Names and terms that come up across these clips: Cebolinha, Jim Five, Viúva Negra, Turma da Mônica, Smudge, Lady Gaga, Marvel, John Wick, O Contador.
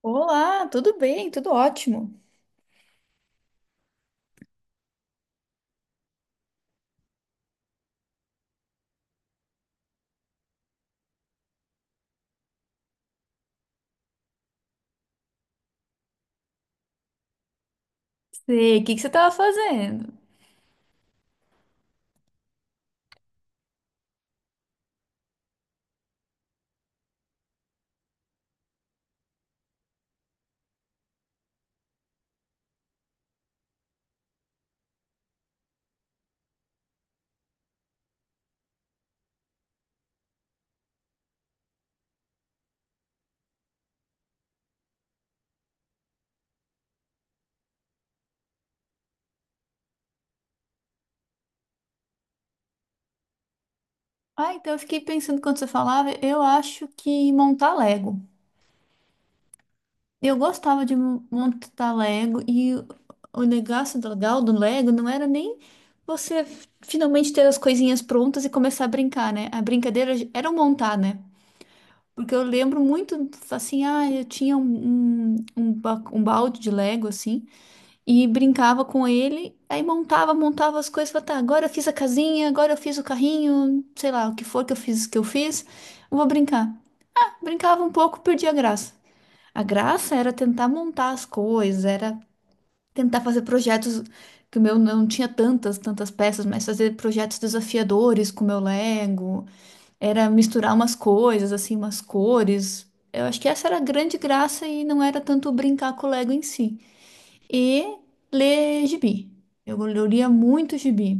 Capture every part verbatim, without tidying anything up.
Olá, tudo bem? Tudo ótimo. Sei, o que que você estava fazendo? Ah, então eu fiquei pensando quando você falava, eu acho que montar Lego. Eu gostava de mon- montar Lego e o o negócio do- legal do Lego não era nem você f- finalmente ter as coisinhas prontas e começar a brincar, né? A brincadeira j- era o montar, né? Porque eu lembro muito assim, ah, eu tinha um, um, um ba- um balde de Lego assim. E brincava com ele, aí montava, montava as coisas, falava, tá, agora eu fiz a casinha, agora eu fiz o carrinho, sei lá, o que for que eu fiz, que eu fiz, eu vou brincar. Brincava um pouco, perdia a graça. A graça era tentar montar as coisas, era tentar fazer projetos que o meu não tinha tantas, tantas peças, mas fazer projetos desafiadores com o meu Lego, era misturar umas coisas, assim, umas cores. Eu acho que essa era a grande graça e não era tanto brincar com o Lego em si e ler gibi. Eu eu lia muito gibi.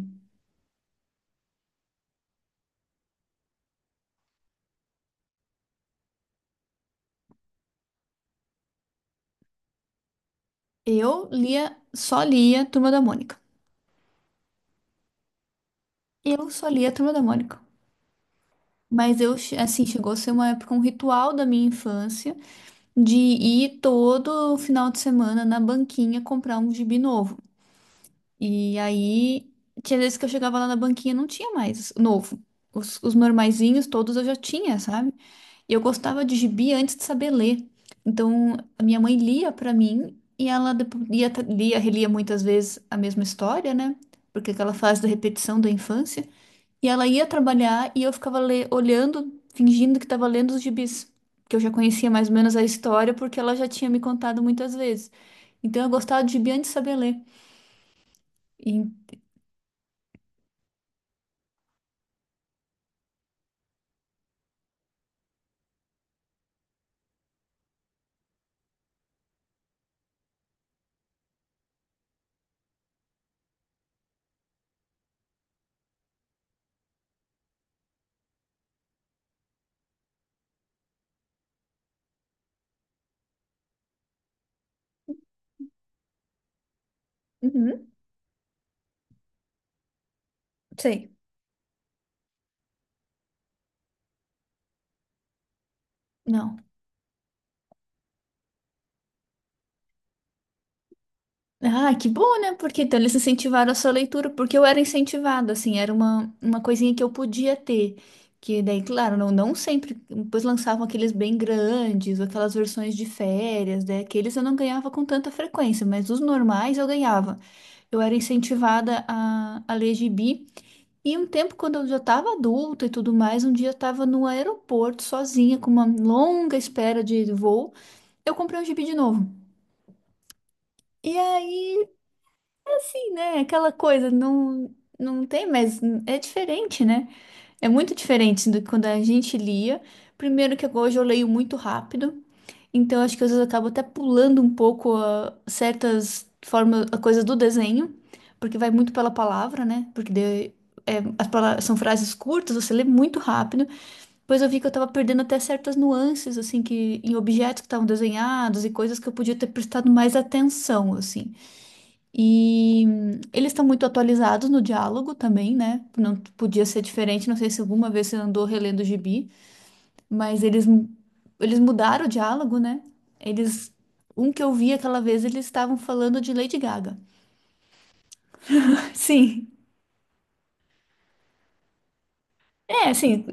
Eu lia, só lia Turma da Mônica. Eu só lia Turma da Mônica. Mas eu, che-, assim, chegou a ser uma época, um ritual da minha infância de ir todo final de semana na banquinha comprar um gibi novo. E aí, tinha vezes que eu chegava lá na banquinha, não tinha mais novo. Os, os normaizinhos todos eu já tinha, sabe? E eu gostava de gibi antes de saber ler. Então, a minha mãe lia pra mim e ela depo- lia, tra- lia, relia muitas vezes a mesma história, né? Porque aquela fase da repetição da infância. E ela ia trabalhar e eu ficava le- olhando, fingindo que estava lendo os gibis. Que eu já conhecia mais ou menos a história porque ela já tinha me contado muitas vezes. Então, eu gostava de gibi antes de saber ler. E- Uhum. Sei, não. Ah, que bom, né? Porque então eles incentivaram a sua leitura, porque eu era incentivada, assim, era uma, uma coisinha que eu podia ter. Que daí, claro, não, não sempre, depois lançavam aqueles bem grandes, aquelas versões de férias, né? Aqueles eu não ganhava com tanta frequência, mas os normais eu ganhava. Eu era incentivada a, a ler gibi. E um tempo, quando eu já estava adulta e tudo mais, um dia eu estava no aeroporto sozinha, com uma longa espera de voo, eu comprei um gibi de novo. E aí, né? Aquela coisa, não, não tem mas é diferente, né? É muito diferente do que quando a gente lia. Primeiro que hoje eu leio muito rápido, então acho que às vezes eu acabo até pulando um pouco ah, certas formas, a coisa do desenho, porque vai muito pela palavra, né? Porque de- é, as palavras, são frases curtas, você lê muito rápido. Depois eu vi que eu tava perdendo até certas nuances, assim, que em objetos que estavam desenhados e coisas que eu podia ter prestado mais atenção, assim. E hum, eles estão muito atualizados no diálogo também, né? Não podia ser diferente, não sei se alguma vez você andou relendo o gibi, mas eles, mu- eles mudaram o diálogo, né? Eles. Um que eu vi aquela vez, eles estavam falando de Lady Gaga. Sim, é, sim.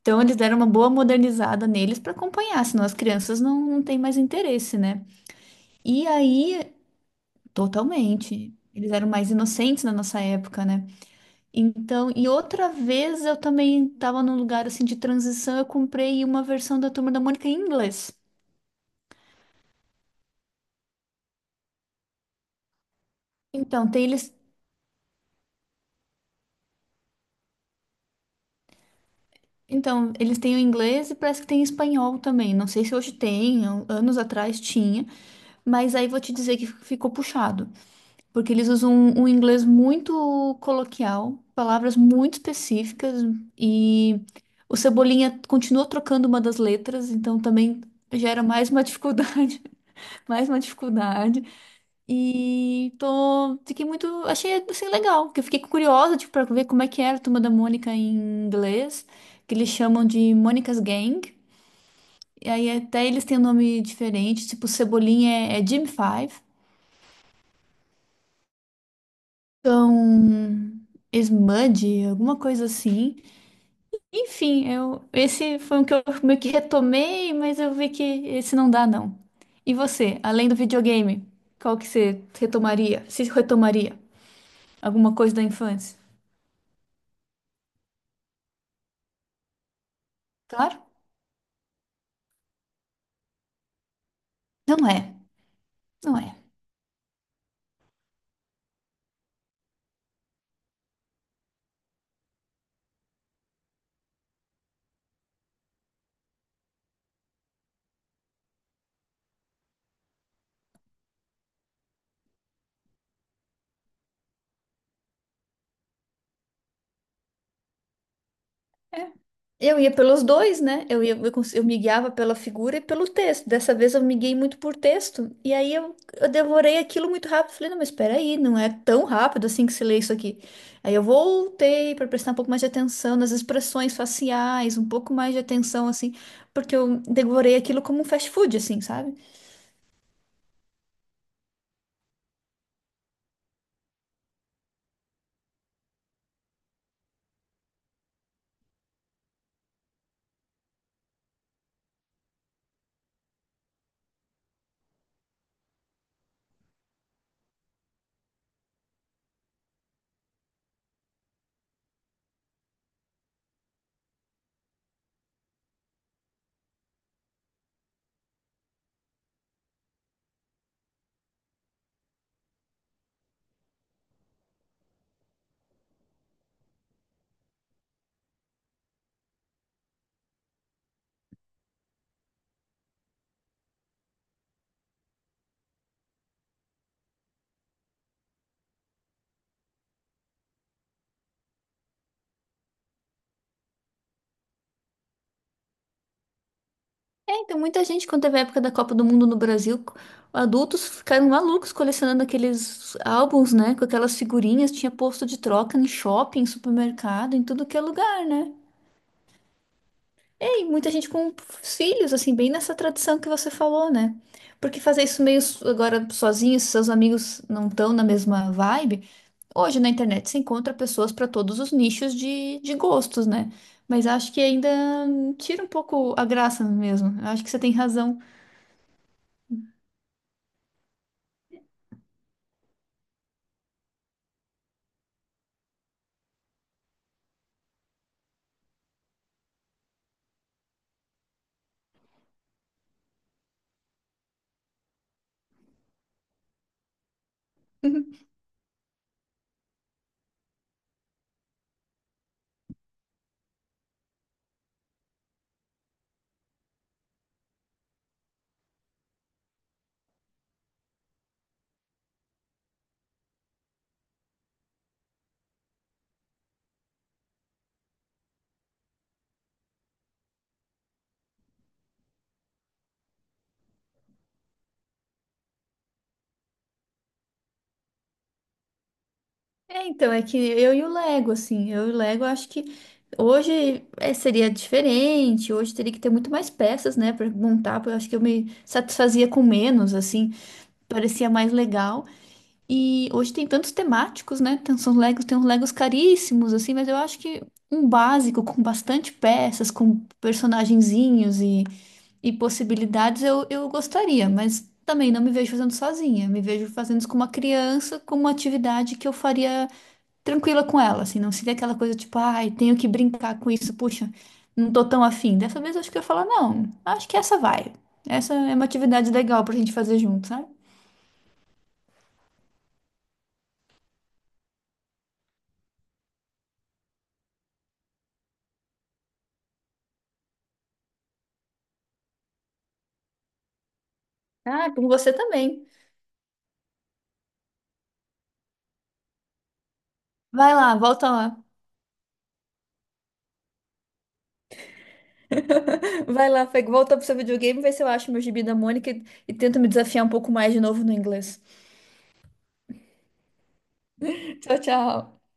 Então eles deram uma boa modernizada neles para acompanhar, senão as crianças não, não têm mais interesse, né? E aí, totalmente. Eles eram mais inocentes na nossa época, né? Então, e outra vez eu também estava num lugar assim de transição, eu comprei uma versão da Turma da Mônica em inglês. Então, tem eles, então, eles têm o inglês e parece que tem espanhol também. Não sei se hoje tem, an- anos atrás tinha, mas aí vou te dizer que ficou puxado, porque eles usam um, um inglês muito coloquial, palavras muito específicas e o Cebolinha continua trocando uma das letras, então também gera mais uma dificuldade, mais uma dificuldade. E tô, fiquei muito, achei assim legal, porque eu fiquei curiosa, tipo, para ver como é que era a Turma da Mônica em inglês, que eles chamam de Mônica's Gang. E aí até eles têm um nome diferente, tipo Cebolinha é, é Jim Five, então Smudge, alguma coisa assim. Enfim, eu esse foi um que eu meio que retomei, mas eu vi que esse não dá não. E você, além do videogame, qual que você retomaria? Se retomaria alguma coisa da infância? Claro. Não é, não é. É. Eu ia pelos dois, né? Eu ia, eu, cons- eu me guiava pela figura e pelo texto. Dessa vez eu me guiei muito por texto. E aí eu, eu devorei aquilo muito rápido. Falei, não, mas espera aí, não é tão rápido assim que se lê isso aqui. Aí eu voltei para prestar um pouco mais de atenção nas expressões faciais, um pouco mais de atenção, assim, porque eu devorei aquilo como um fast food, assim, sabe? É, então muita gente, quando teve a época da Copa do Mundo no Brasil, adultos ficaram malucos colecionando aqueles álbuns, né? Com aquelas figurinhas, tinha posto de troca em shopping, supermercado, em tudo que é lugar, né? E aí, muita gente com filhos, assim, bem nessa tradição que você falou, né? Porque fazer isso meio so- agora sozinho, se seus amigos não estão na mesma vibe, hoje na internet se encontra pessoas para todos os nichos de, de gostos, né? Mas acho que ainda hum, tira um pouco a graça mesmo. Acho que você tem razão. É, então, é que eu e o Lego, assim, eu e o Lego acho que hoje é, seria diferente, hoje teria que ter muito mais peças, né, pra montar, porque eu acho que eu me satisfazia com menos, assim, parecia mais legal. E hoje tem tantos temáticos, né? Tem uns Legos, tem uns Legos caríssimos, assim, mas eu acho que um básico com bastante peças, com personagenzinhos e, e possibilidades, eu, eu gostaria, mas também não me vejo fazendo sozinha. Me vejo fazendo isso com uma criança, com uma atividade que eu faria tranquila com ela, assim, não seria aquela coisa tipo, ai, tenho que brincar com isso, puxa, não tô tão afim. Dessa vez eu acho que eu ia falar, não, acho que essa vai. Essa é uma atividade legal pra gente fazer junto, sabe? Ah, com você também. Vai lá, volta lá. Vai lá, Fê, volta pro seu videogame, vê se eu acho meu gibi da Mônica e, e tento me desafiar um pouco mais de novo no inglês. Tchau, tchau.